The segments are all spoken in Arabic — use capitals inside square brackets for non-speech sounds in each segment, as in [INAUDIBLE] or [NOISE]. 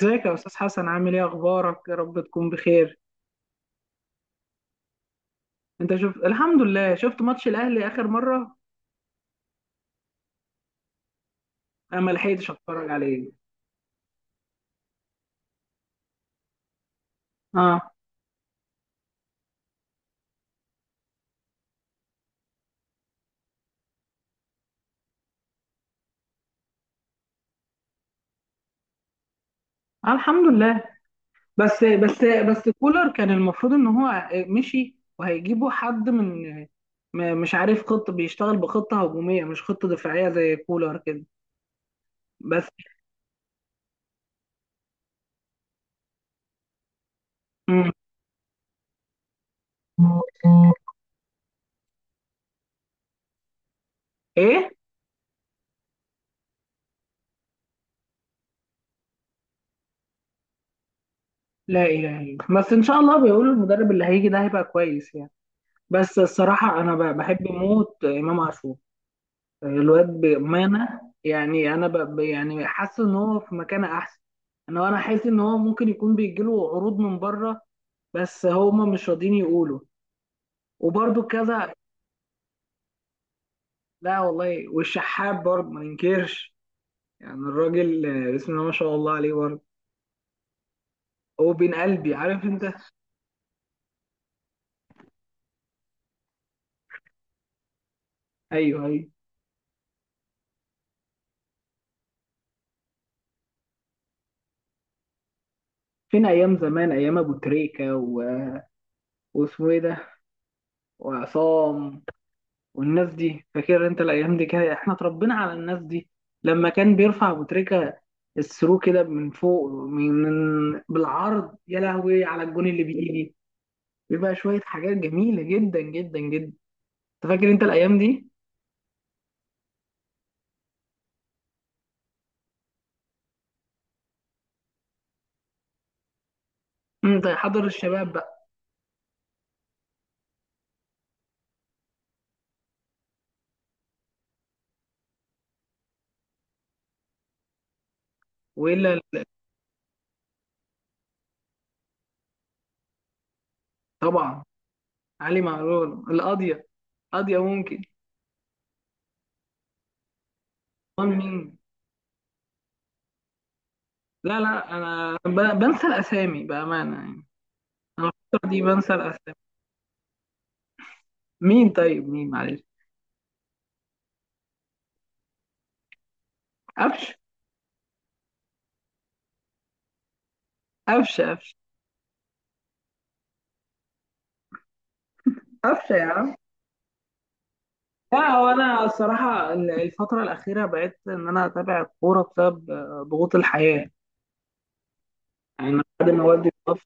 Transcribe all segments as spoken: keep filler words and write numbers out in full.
ازيك يا استاذ حسن؟ عامل ايه؟ اخبارك، يا رب تكون بخير. انت شفت الحمد لله. شفت ماتش الاهلي اخر مره؟ انا ما لحقتش اتفرج عليه. اه. آه، الحمد لله. بس بس بس كولر كان المفروض ان هو مشي وهيجيبوا حد من، م- مش عارف. خطه بيشتغل بخطه هجوميه مش خطه دفاعيه زي كولر كده. بس. مم. ايه. لا اله الا الله. بس ان شاء الله بيقولوا المدرب اللي هيجي ده هيبقى كويس يعني. بس الصراحه انا ب- بحب موت امام عاشور. الواد بأمانة يعني. أنا ب... ب- يعني حاسس إن هو في مكان أحسن. أنا وأنا حاسس إن هو ممكن يكون بيجيله عروض من بره، بس هما مش راضيين يقولوا، وبرده كذا. لا والله، والشحات برضه ما ننكرش. يعني الراجل، آه، بسم الله ما شاء الله عليه برضه. هو بين قلبي، عارف أنت. أيوه، أيوه. فين أيام زمان؟ أيام أبو تريكة و... واسمه إيه ده، وعصام، والناس دي. فاكر انت الايام دي كده؟ احنا اتربينا على الناس دي. لما كان بيرفع ابو تريكه الثرو كده من فوق، من من- بالعرض، يا لهوي، على الجون اللي بيجي، بيبقى شويه حاجات جميله جدا جدا جدا. انت فاكر انت الايام دي؟ انت حضر الشباب بقى. والا؟ طبعا. علي معلول القاضيه. قاضيه ممكن. امال مين؟ لا لا، انا ب- بنسى الاسامي بامانه يعني. انا الفتره دي بنسى الاسامي. مين؟ طيب مين؟ معلش. قفش. قفش. قفش. قفشه يا عم. لا، هو انا الصراحه الفتره الاخيره بقيت ان انا اتابع الكوره بسبب آه، ضغوط الحياه. يعني أنا بعد ما والدي توفى.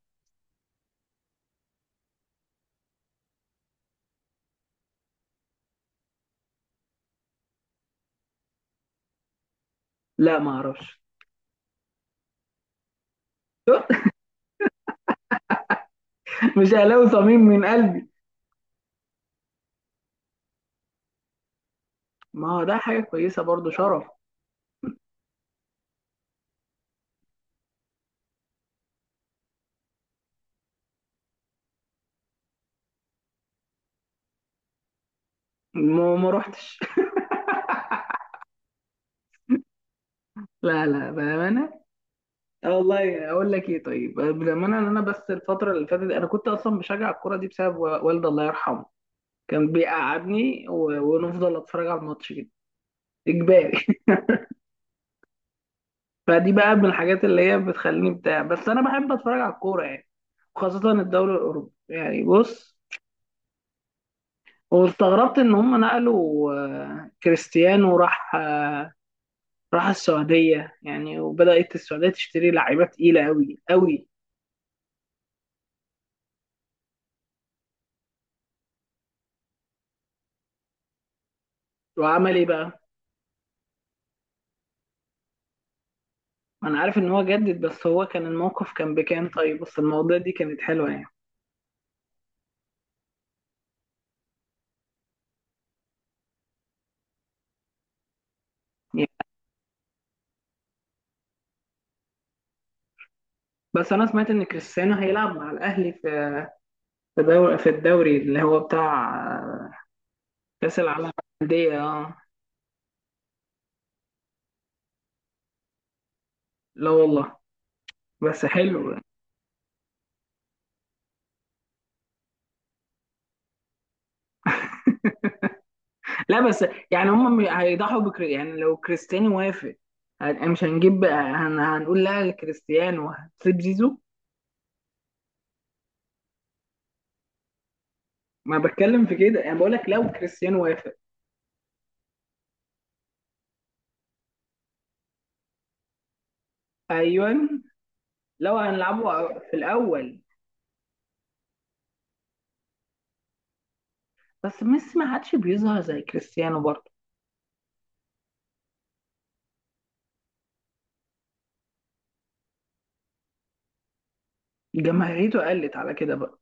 لا، ما اعرفش. [LAUGHS] مش اهلاوي، صميم من قلبي. ما هو ده حاجه كويسه برضو، شرف. ما ما روحتش. [LAUGHS] لا لا، بامانه. اه والله، اقول لك ايه؟ طيب بامانه، ان انا بس الفتره اللي فاتت انا كنت اصلا بشجع الكوره دي بسبب و- والدي الله يرحمه. كان بيقعدني و- ونفضل اتفرج على الماتش كده، اجباري. فدي بقى من الحاجات اللي هي بتخليني بتاع، بس انا بحب اتفرج على الكوره يعني، خاصه الدوري الاوروبي. يعني بص، واستغربت ان هم نقلوا، آه، كريستيانو راح آه، راح السعوديه يعني، وبدات السعوديه تشتري لعيبه تقيله قوي قوي. وعمل ايه بقى؟ انا عارف ان هو جدد، بس هو كان الموقف كان بكام طيب؟ بس المواضيع دي كانت حلوه يعني. يعني بس انا سمعت ان كريستيانو هيلعب مع الاهلي في في دوري في الدوري اللي هو بتاع آه، كاس العالم للانديه. اه. لا والله. بس حلو. لا بس يعني هم م- هيضحوا بكري يعني، لو كريستيانو وافق. هن- مش هنجيب، هن... هنقول لا لكريستيانو وهتسيب زيزو. ما بتكلم في كده، انا بقول لك لو كريستيانو وافق. ايوه، لو هنلعبه في الاول. بس ميسي ما عادش بيظهر زي كريستيانو برضه. جماهيريته قلت على كده بقى.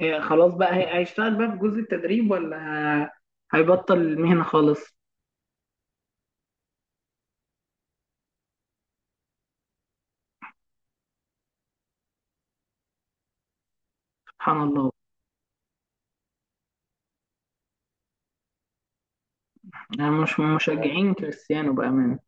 إيه؟ خلاص بقى، هي- هيشتغل بقى في جزء التدريب، ولا ه- هيبطل المهنة خالص؟ سبحان الله. يعني مش مشجعين كريستيانو بأمانة.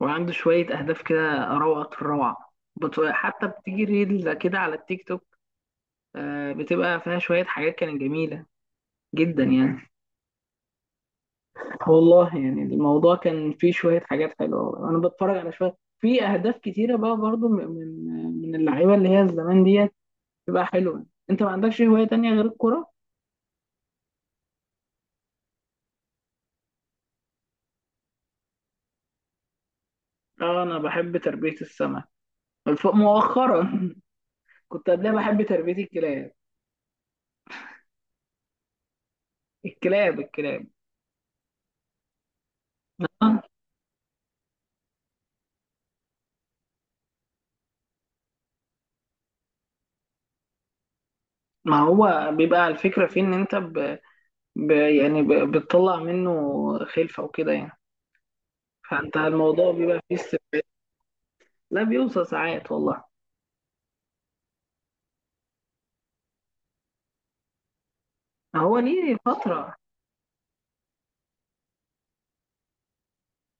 وعنده شوية أهداف كده، روعة في الروعة، بت- حتى بتيجي ريل كده على التيك توك، آه، بتبقى فيها شوية حاجات كانت جميلة جدا يعني. والله يعني الموضوع كان فيه شوية حاجات حلوة، أنا بتفرج على شوية في أهداف كتيرة بقى برضو، من من من اللعيبة اللي هي الزمان ديت، بتبقى حلوة. أنت ما عندكش هواية تانية غير الكرة؟ آه، أنا بحب تربية السمك الف- مؤخرا. [LAUGHS] كنت قبلها بحب تربية الكلاب. الكلاب. الكلاب. آه. ما هو بيبقى الفكرة في إن أنت ب... ب- يعني ب- بتطلع منه خلفة وكده يعني. فانت الموضوع بيبقى فيه استف... لا، بيوصل ساعات والله. هو ليه فترة.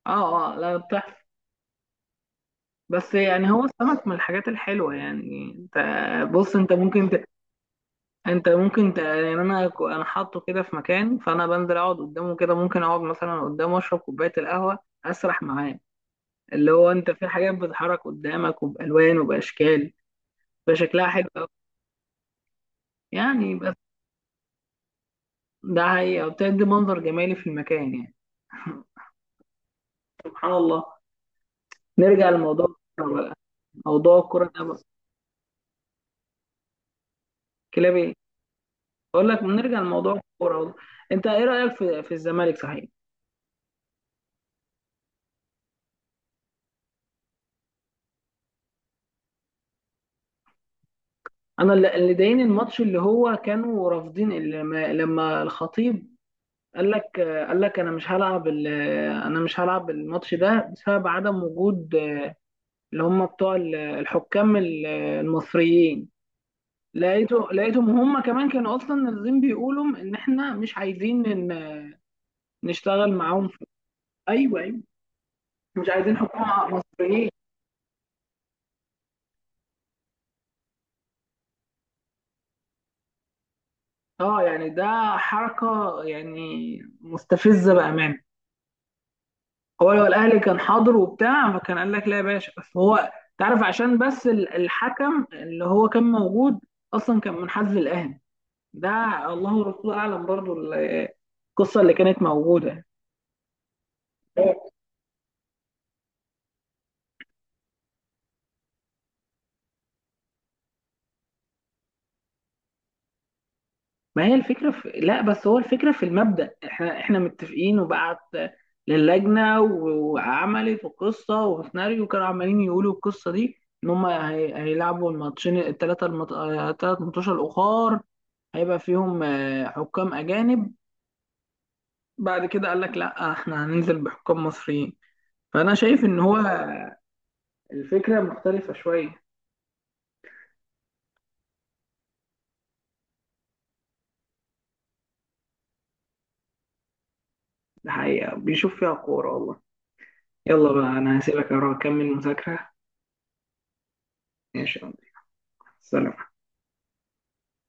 اه، اه، لا، بتحصل. بس يعني هو السمك من الحاجات الحلوة يعني. انت بص، انت ممكن ت... انت ممكن ت... يعني انا ك- انا حاطه كده في مكان، فانا بنزل اقعد قدامه كده، ممكن اقعد مثلا قدامه اشرب كوباية القهوة، اسرح معاه. اللي هو انت في حاجات بتتحرك قدامك وبالوان وباشكال، بشكلها حلو أوي. يعني بس، ده هي بتدي منظر جمالي في المكان يعني. سبحان الله. نرجع لموضوع الكورة بقى. موضوع الكورة ده بقى. كلاب ايه؟ بقول لك نرجع لموضوع الكورة والله. انت ايه رأيك في في الزمالك صحيح؟ انا اللي اللي ضايقني الماتش اللي هو كانوا رافضين، اللي- لما لما الخطيب قال لك، قال لك انا مش هلعب ال- انا مش هلعب الماتش ده بسبب عدم وجود اللي هم بتوع ال- الحكام ال- المصريين. لقيته لقيتهم هم كمان كانوا اصلا نازلين بيقولوا ان احنا مش عايزين إن- نشتغل معاهم في. ايوه، مش عايزين حكومة مصريين. اه، يعني ده حركة يعني، مستفزة بأمانة. هو لو الأهلي كان حاضر وبتاع، فكان قال لك لا يا باشا. بس هو، تعرف، عشان بس ال- الحكم اللي هو كان موجود أصلا كان من حزب الأهلي ده. الله ورسوله أعلم برضو ال- القصة اللي كانت موجودة. ما هي الفكرة في... لا، بس هو الفكرة في المبدأ، احنا احنا متفقين، وبعت للجنة و- وعملت وقصة وسيناريو. كانوا عمالين يقولوا القصة دي ان هم هي... هيلعبوا الماتشين الثلاثة، المط... آه، الثلاث ماتشات الأخر، هيبقى فيهم آه، حكام أجانب. بعد كده قال لك لا، احنا هننزل بحكام مصريين. فأنا شايف ان هو الفكرة مختلفة شوية. الحقيقة بيشوف فيها كورة والله. يلا بقى، أنا هسيبك أروح أكمل مذاكرة. ماشي يا عمر. سلام.